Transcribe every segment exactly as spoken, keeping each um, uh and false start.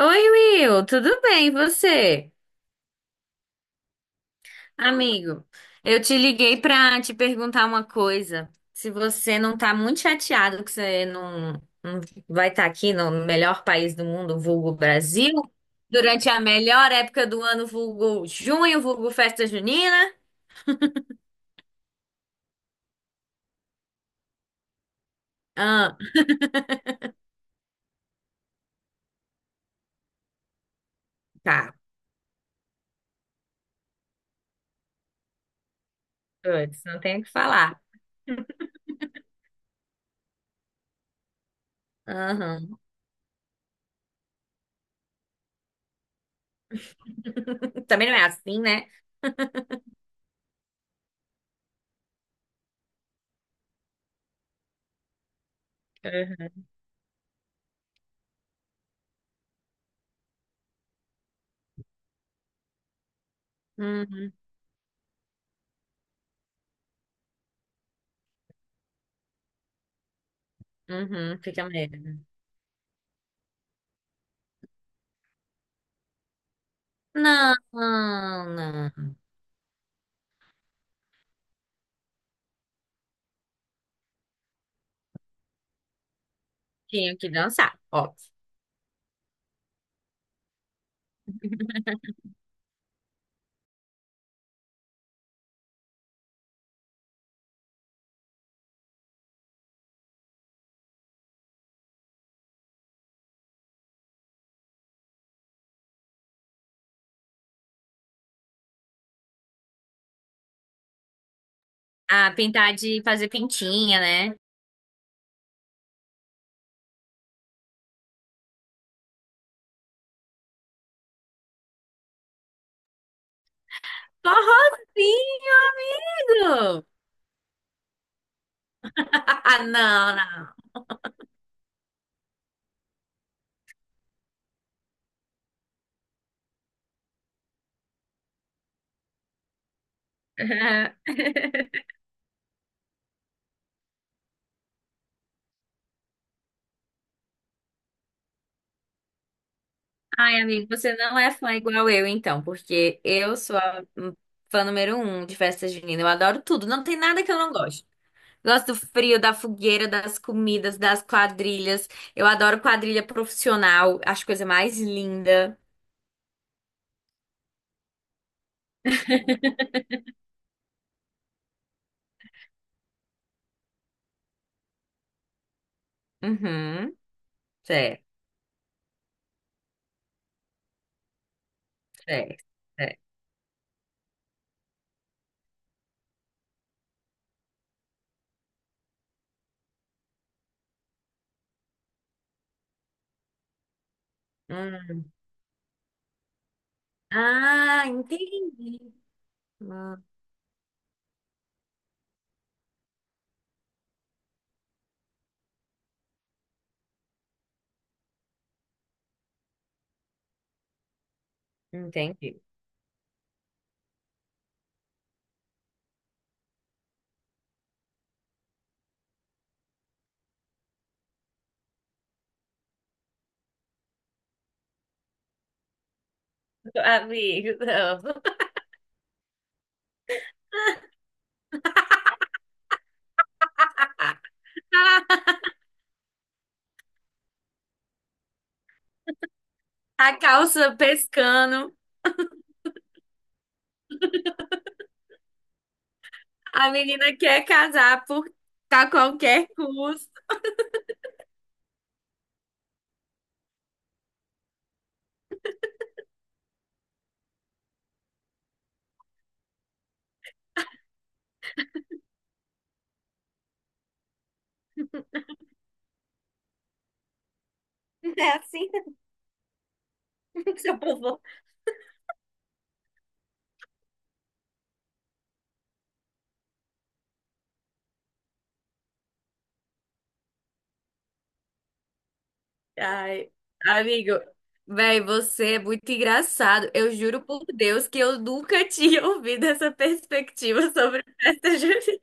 Oi, Will, tudo bem, e você? Amigo, eu te liguei pra te perguntar uma coisa. Se você não tá muito chateado que você não, não vai estar aqui no melhor país do mundo, vulgo Brasil, durante a melhor época do ano, vulgo junho, vulgo festa junina. Ah, tá. Putz, não tenho o que falar. Aham. Também não é assim, né? Uhum, uhum, uhum, fica mesmo. Não, não. Tinha que dançar, óbvio. Ah, pintar de fazer pintinha, né? Forrozinho, amigo! Não, não. Ai, amigo, você não é fã igual eu, então, porque eu sou a fã número um de festa junina. Eu adoro tudo, não tem nada que eu não gosto. Gosto do frio, da fogueira, das comidas, das quadrilhas. Eu adoro quadrilha profissional, acho coisa mais linda. Uhum, certo, certo, certo. Hum. Ah, entendi. Hum, entendi. Amigo, não. A calça pescando, a menina quer casar por a qualquer custo. Não é assim. Seu povo. Ai, amigo, velho, você é muito engraçado. Eu juro por Deus que eu nunca tinha ouvido essa perspectiva sobre festa junina.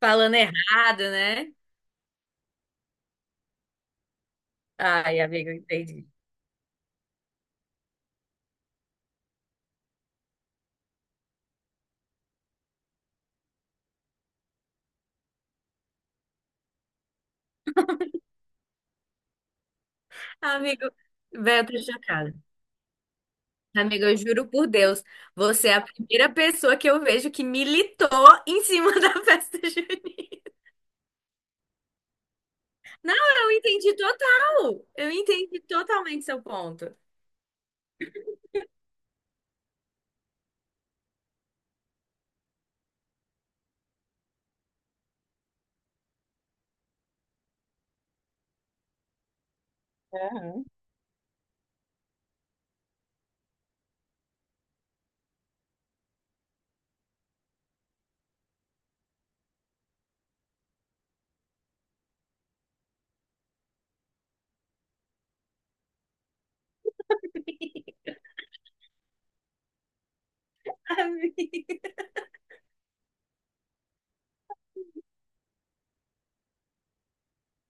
Falando errado, né? Ai, amigo, entendi. Amigo, velho, eu tô chocada. Amiga, eu juro por Deus, você é a primeira pessoa que eu vejo que militou em cima da festa junina. Não, eu entendi total. Eu entendi totalmente seu ponto. Amiga.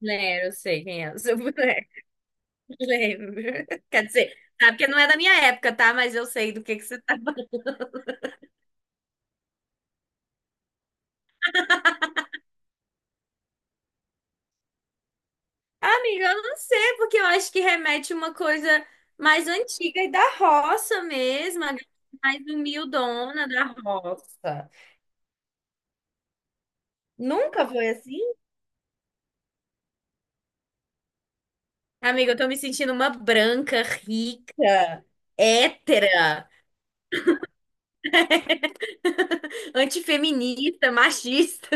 Lembro, eu sei quem é o seu boneco. Lembro. Quer dizer, sabe que não é da minha época, tá? Mas eu sei do que que você tá. Amiga, eu não sei, porque eu acho que remete uma coisa mais antiga e da roça mesmo, a galera mais humildona da roça. Nunca foi assim? Amiga, eu tô me sentindo uma branca, rica, hétera, antifeminista, machista.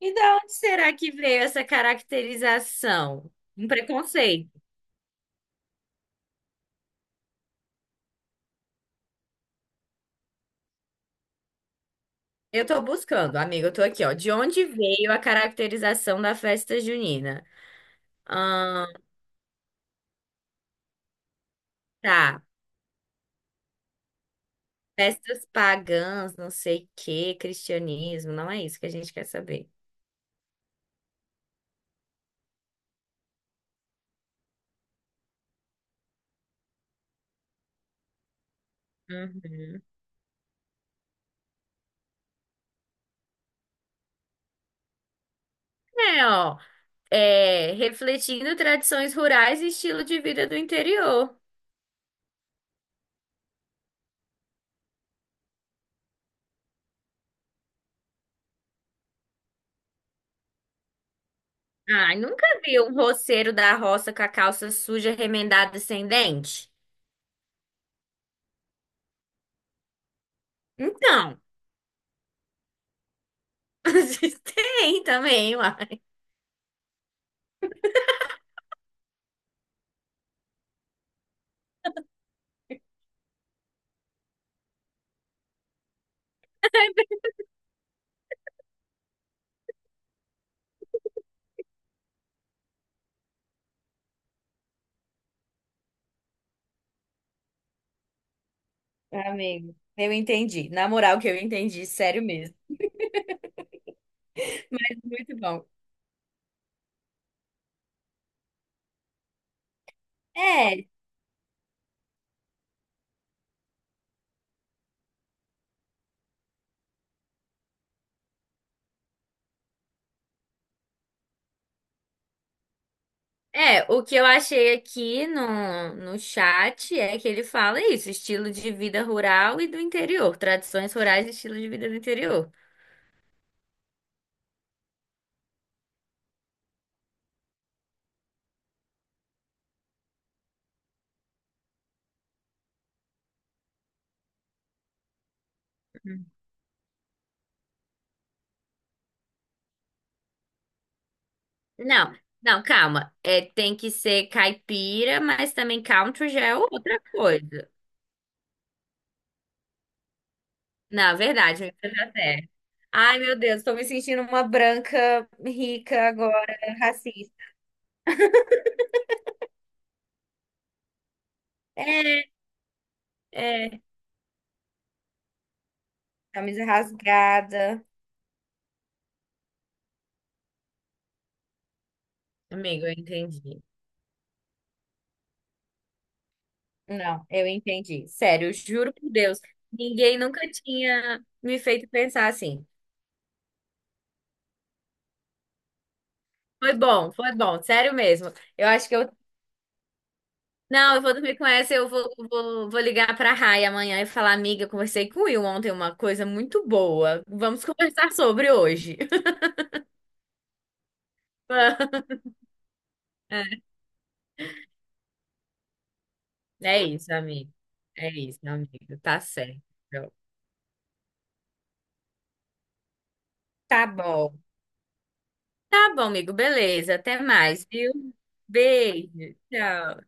E da onde será que veio essa caracterização? Um preconceito. Eu tô buscando, amiga, eu tô aqui, ó. De onde veio a caracterização da festa junina? Ah, tá. Festas pagãs, não sei o quê, cristianismo, não é isso que a gente quer saber. Uhum. É, ó. É, refletindo tradições rurais e estilo de vida do interior. Ai, nunca vi um roceiro da roça com a calça suja, remendada e sem dente? Então, tem também, uai. Amigo, eu entendi. Na moral que eu entendi, sério mesmo. Muito bom. É, é, o que eu achei aqui no, no chat é que ele fala isso, estilo de vida rural e do interior, tradições rurais e estilo de vida do interior. Não, não, calma. É, tem que ser caipira, mas também country já é outra coisa. Na verdade, me fez até. Ai, meu Deus, tô me sentindo uma branca rica agora, racista. É, é, camisa rasgada. Amigo, eu entendi. Não, eu entendi. Sério, eu juro por Deus, ninguém nunca tinha me feito pensar assim. Foi bom, foi bom, sério mesmo. Eu acho que eu. Não, eu vou dormir com essa, eu vou, vou, vou ligar pra Rai amanhã e falar, amiga, conversei com o Will ontem uma coisa muito boa. Vamos conversar sobre hoje. É isso, amigo. É isso, amigo. Tá certo. Tá bom. Tá bom, amigo. Beleza. Até mais, viu? Beijo. Tchau.